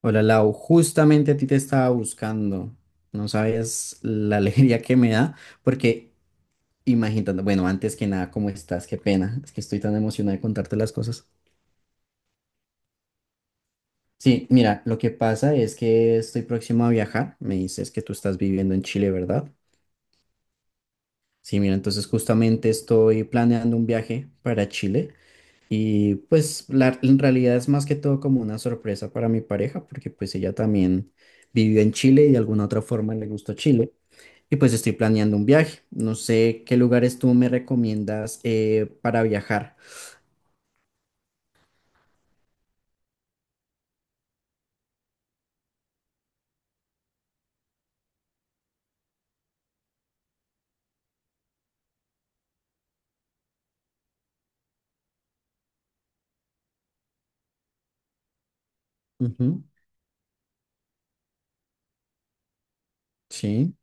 Hola Lau, justamente a ti te estaba buscando. No sabías la alegría que me da, porque imaginando, bueno, antes que nada, ¿cómo estás? Qué pena, es que estoy tan emocionada de contarte las cosas. Sí, mira, lo que pasa es que estoy próximo a viajar. Me dices que tú estás viviendo en Chile, ¿verdad? Sí, mira, entonces justamente estoy planeando un viaje para Chile y pues la, en realidad es más que todo como una sorpresa para mi pareja, porque pues ella también vivió en Chile y de alguna otra forma le gustó Chile. Y pues estoy planeando un viaje. No sé qué lugares tú me recomiendas para viajar. Ujú. Sí,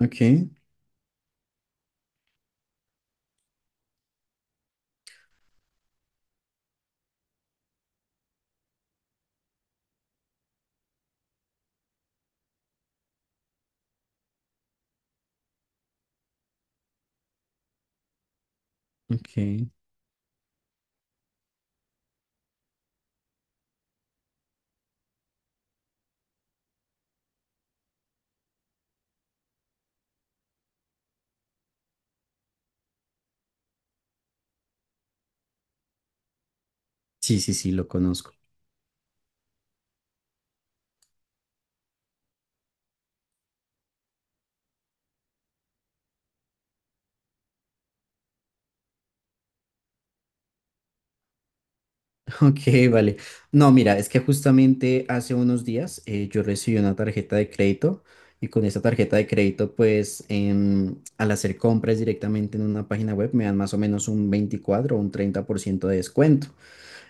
ok, ok. Sí, sí, sí, lo conozco. Ok, vale. No, mira, es que justamente hace unos días yo recibí una tarjeta de crédito y con esa tarjeta de crédito, pues al hacer compras directamente en una página web me dan más o menos un 24 o un 30% de descuento.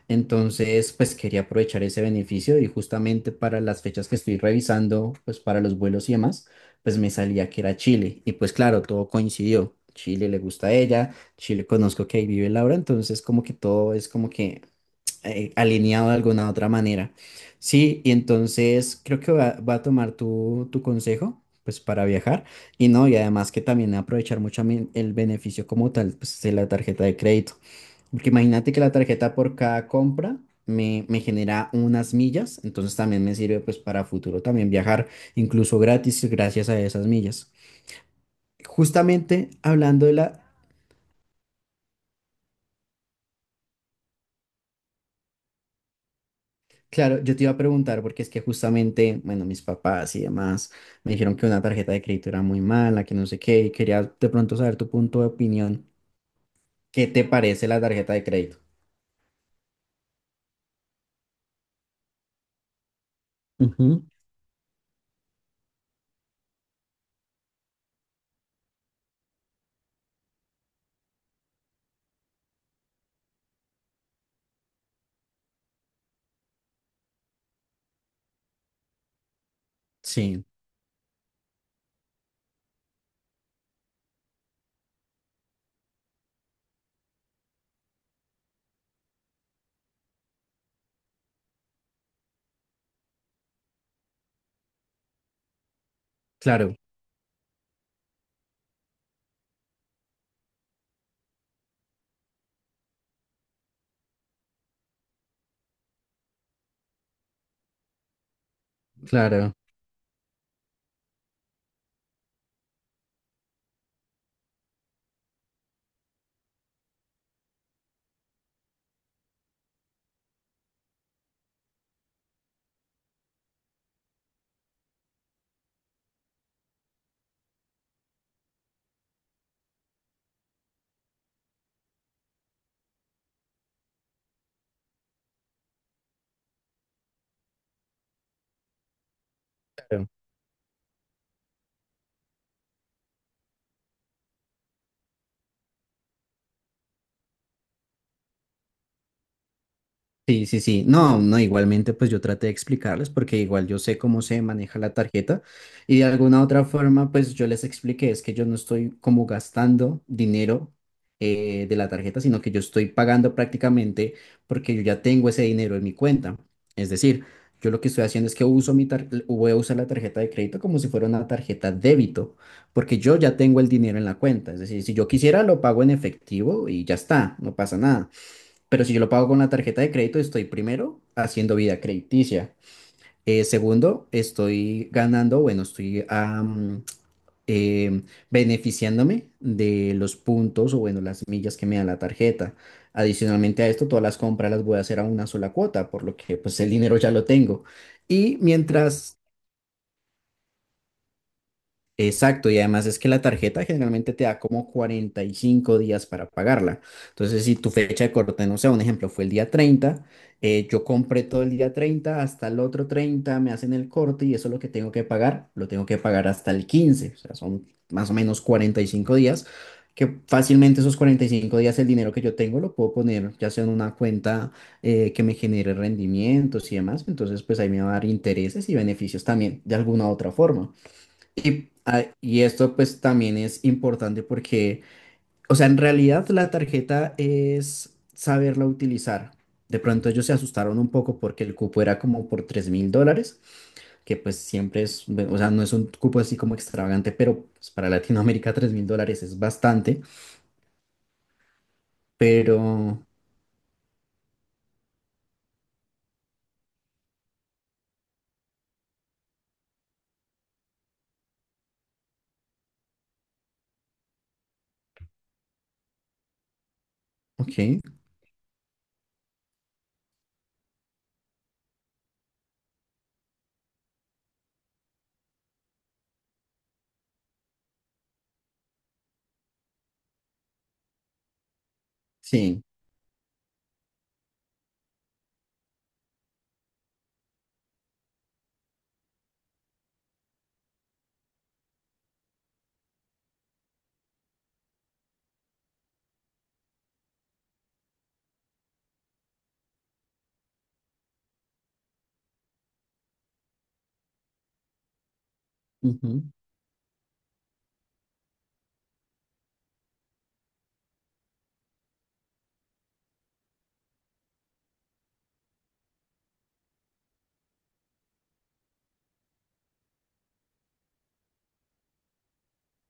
Entonces, pues quería aprovechar ese beneficio y justamente para las fechas que estoy revisando, pues para los vuelos y demás, pues me salía que era Chile. Y pues claro, todo coincidió. Chile le gusta a ella, Chile conozco que ahí vive Laura, entonces como que todo es como que alineado de alguna otra manera. Sí, y entonces creo que va a tomar tu consejo, pues para viajar y no, y además que también aprovechar mucho mi- el beneficio como tal, pues de la tarjeta de crédito. Porque imagínate que la tarjeta por cada compra me genera unas millas, entonces también me sirve pues para futuro también viajar incluso gratis gracias a esas millas. Justamente hablando de la Claro, yo te iba a preguntar porque es que justamente, bueno, mis papás y demás me dijeron que una tarjeta de crédito era muy mala, que no sé qué, y quería de pronto saber tu punto de opinión. ¿Qué te parece la tarjeta de crédito? Ujú. Sí, claro, claro. Sí, sí, sí. No, no, igualmente pues yo traté de explicarles porque igual yo sé cómo se maneja la tarjeta y de alguna otra forma pues yo les expliqué es que yo no estoy como gastando dinero de la tarjeta, sino que yo estoy pagando prácticamente porque yo ya tengo ese dinero en mi cuenta. Es decir, yo lo que estoy haciendo es que uso mi tar- voy a usar la tarjeta de crédito como si fuera una tarjeta débito porque yo ya tengo el dinero en la cuenta. Es decir, si yo quisiera lo pago en efectivo y ya está, no pasa nada pero si yo lo pago con la tarjeta de crédito, estoy primero haciendo vida crediticia. Segundo, estoy ganando, bueno, em, beneficiándome de los puntos o, bueno, las millas que me da la tarjeta. Adicionalmente a esto, todas las compras las voy a hacer a una sola cuota, por lo que pues el dinero ya lo tengo. Y mientras Exacto, y además es que la tarjeta generalmente te da como 45 días para pagarla. Entonces, si tu fecha de corte, no sé, un ejemplo, fue el día 30 yo compré todo el día 30 hasta el otro 30 me hacen el corte y eso es lo que tengo que pagar, lo tengo que pagar hasta el 15 o sea, son más o menos 45 días, que fácilmente esos 45 días el dinero que yo tengo lo puedo poner ya sea en una cuenta que me genere rendimientos y demás, entonces pues ahí me va a dar intereses y beneficios también de alguna otra forma. Y, ah, y esto pues también es importante porque, o sea, en realidad la tarjeta es saberla utilizar. De pronto ellos se asustaron un poco porque el cupo era como por $3000, que pues siempre es, o sea, no es un cupo así como extravagante, pero pues, para Latinoamérica $3000 es bastante. Pero, ok, sí, ujú,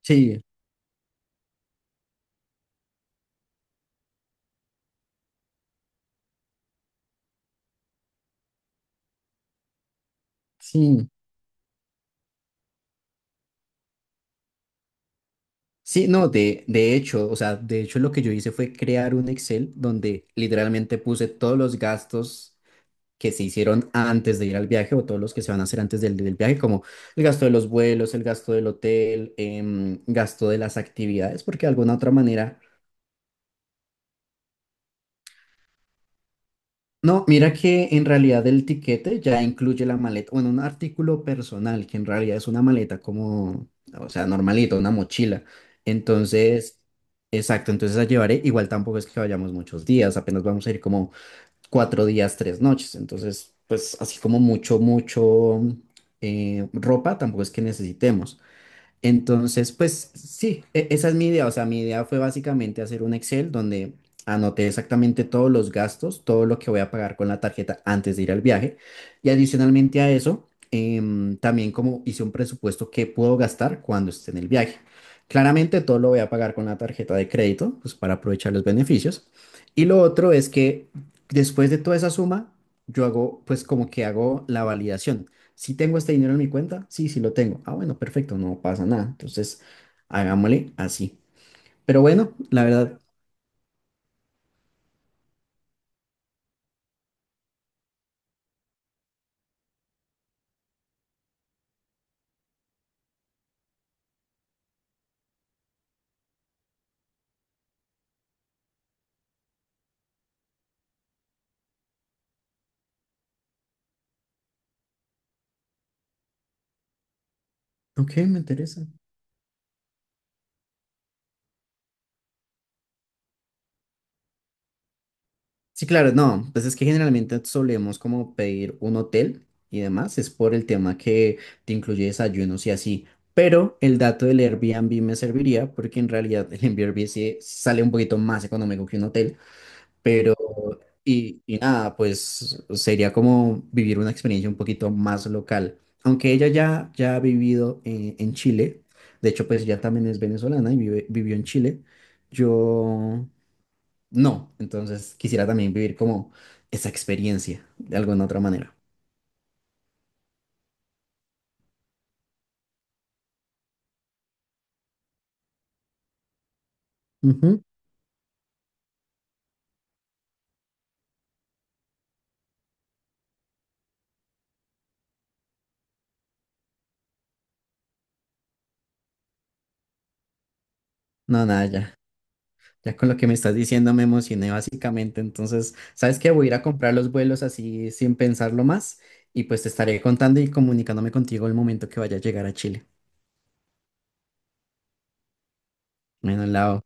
sí, sí. Sí, no, de hecho, o sea, de hecho lo que yo hice fue crear un Excel donde literalmente puse todos los gastos que se hicieron antes de ir al viaje o todos los que se van a hacer antes del viaje, como el gasto de los vuelos, el gasto del hotel, gasto de las actividades, porque de alguna otra manera... No, mira que en realidad el tiquete ya incluye la maleta, bueno, un artículo personal, que en realidad es una maleta como, o sea, normalito, una mochila. Entonces, exacto, entonces la llevaré. Igual tampoco es que vayamos muchos días, apenas vamos a ir como 4 días, 3 noches. Entonces, pues así como mucho, mucho ropa, tampoco es que necesitemos. Entonces, pues sí, e- esa es mi idea. O sea, mi idea fue básicamente hacer un Excel donde anoté exactamente todos los gastos, todo lo que voy a pagar con la tarjeta antes de ir al viaje. Y adicionalmente a eso, también como hice un presupuesto que puedo gastar cuando esté en el viaje. Claramente todo lo voy a pagar con la tarjeta de crédito, pues para aprovechar los beneficios. Y lo otro es que después de toda esa suma, yo hago, pues como que hago la validación. Si tengo este dinero en mi cuenta, sí, sí lo tengo. Ah, bueno, perfecto, no pasa nada. Entonces, hagámosle así. Pero bueno, la verdad, ok, me interesa. Sí, claro, no, pues es que generalmente solemos como pedir un hotel y demás, es por el tema que te incluye desayunos y así. Pero el dato del Airbnb me serviría porque en realidad el Airbnb sí sale un poquito más económico que un hotel. Y nada, pues sería como vivir una experiencia un poquito más local. Aunque ella ya ha vivido en Chile, de hecho pues ya también es venezolana y vive- vivió en Chile, yo no, entonces quisiera también vivir como esa experiencia de alguna otra manera. Ujú. No, nada, ya, ya con lo que me estás diciendo me emocioné básicamente, entonces, ¿sabes qué? Voy a ir a comprar los vuelos así sin pensarlo más y pues te estaré contando y comunicándome contigo el momento que vaya a llegar a Chile. Bueno, Lau,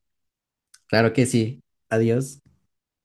claro que sí. Adiós.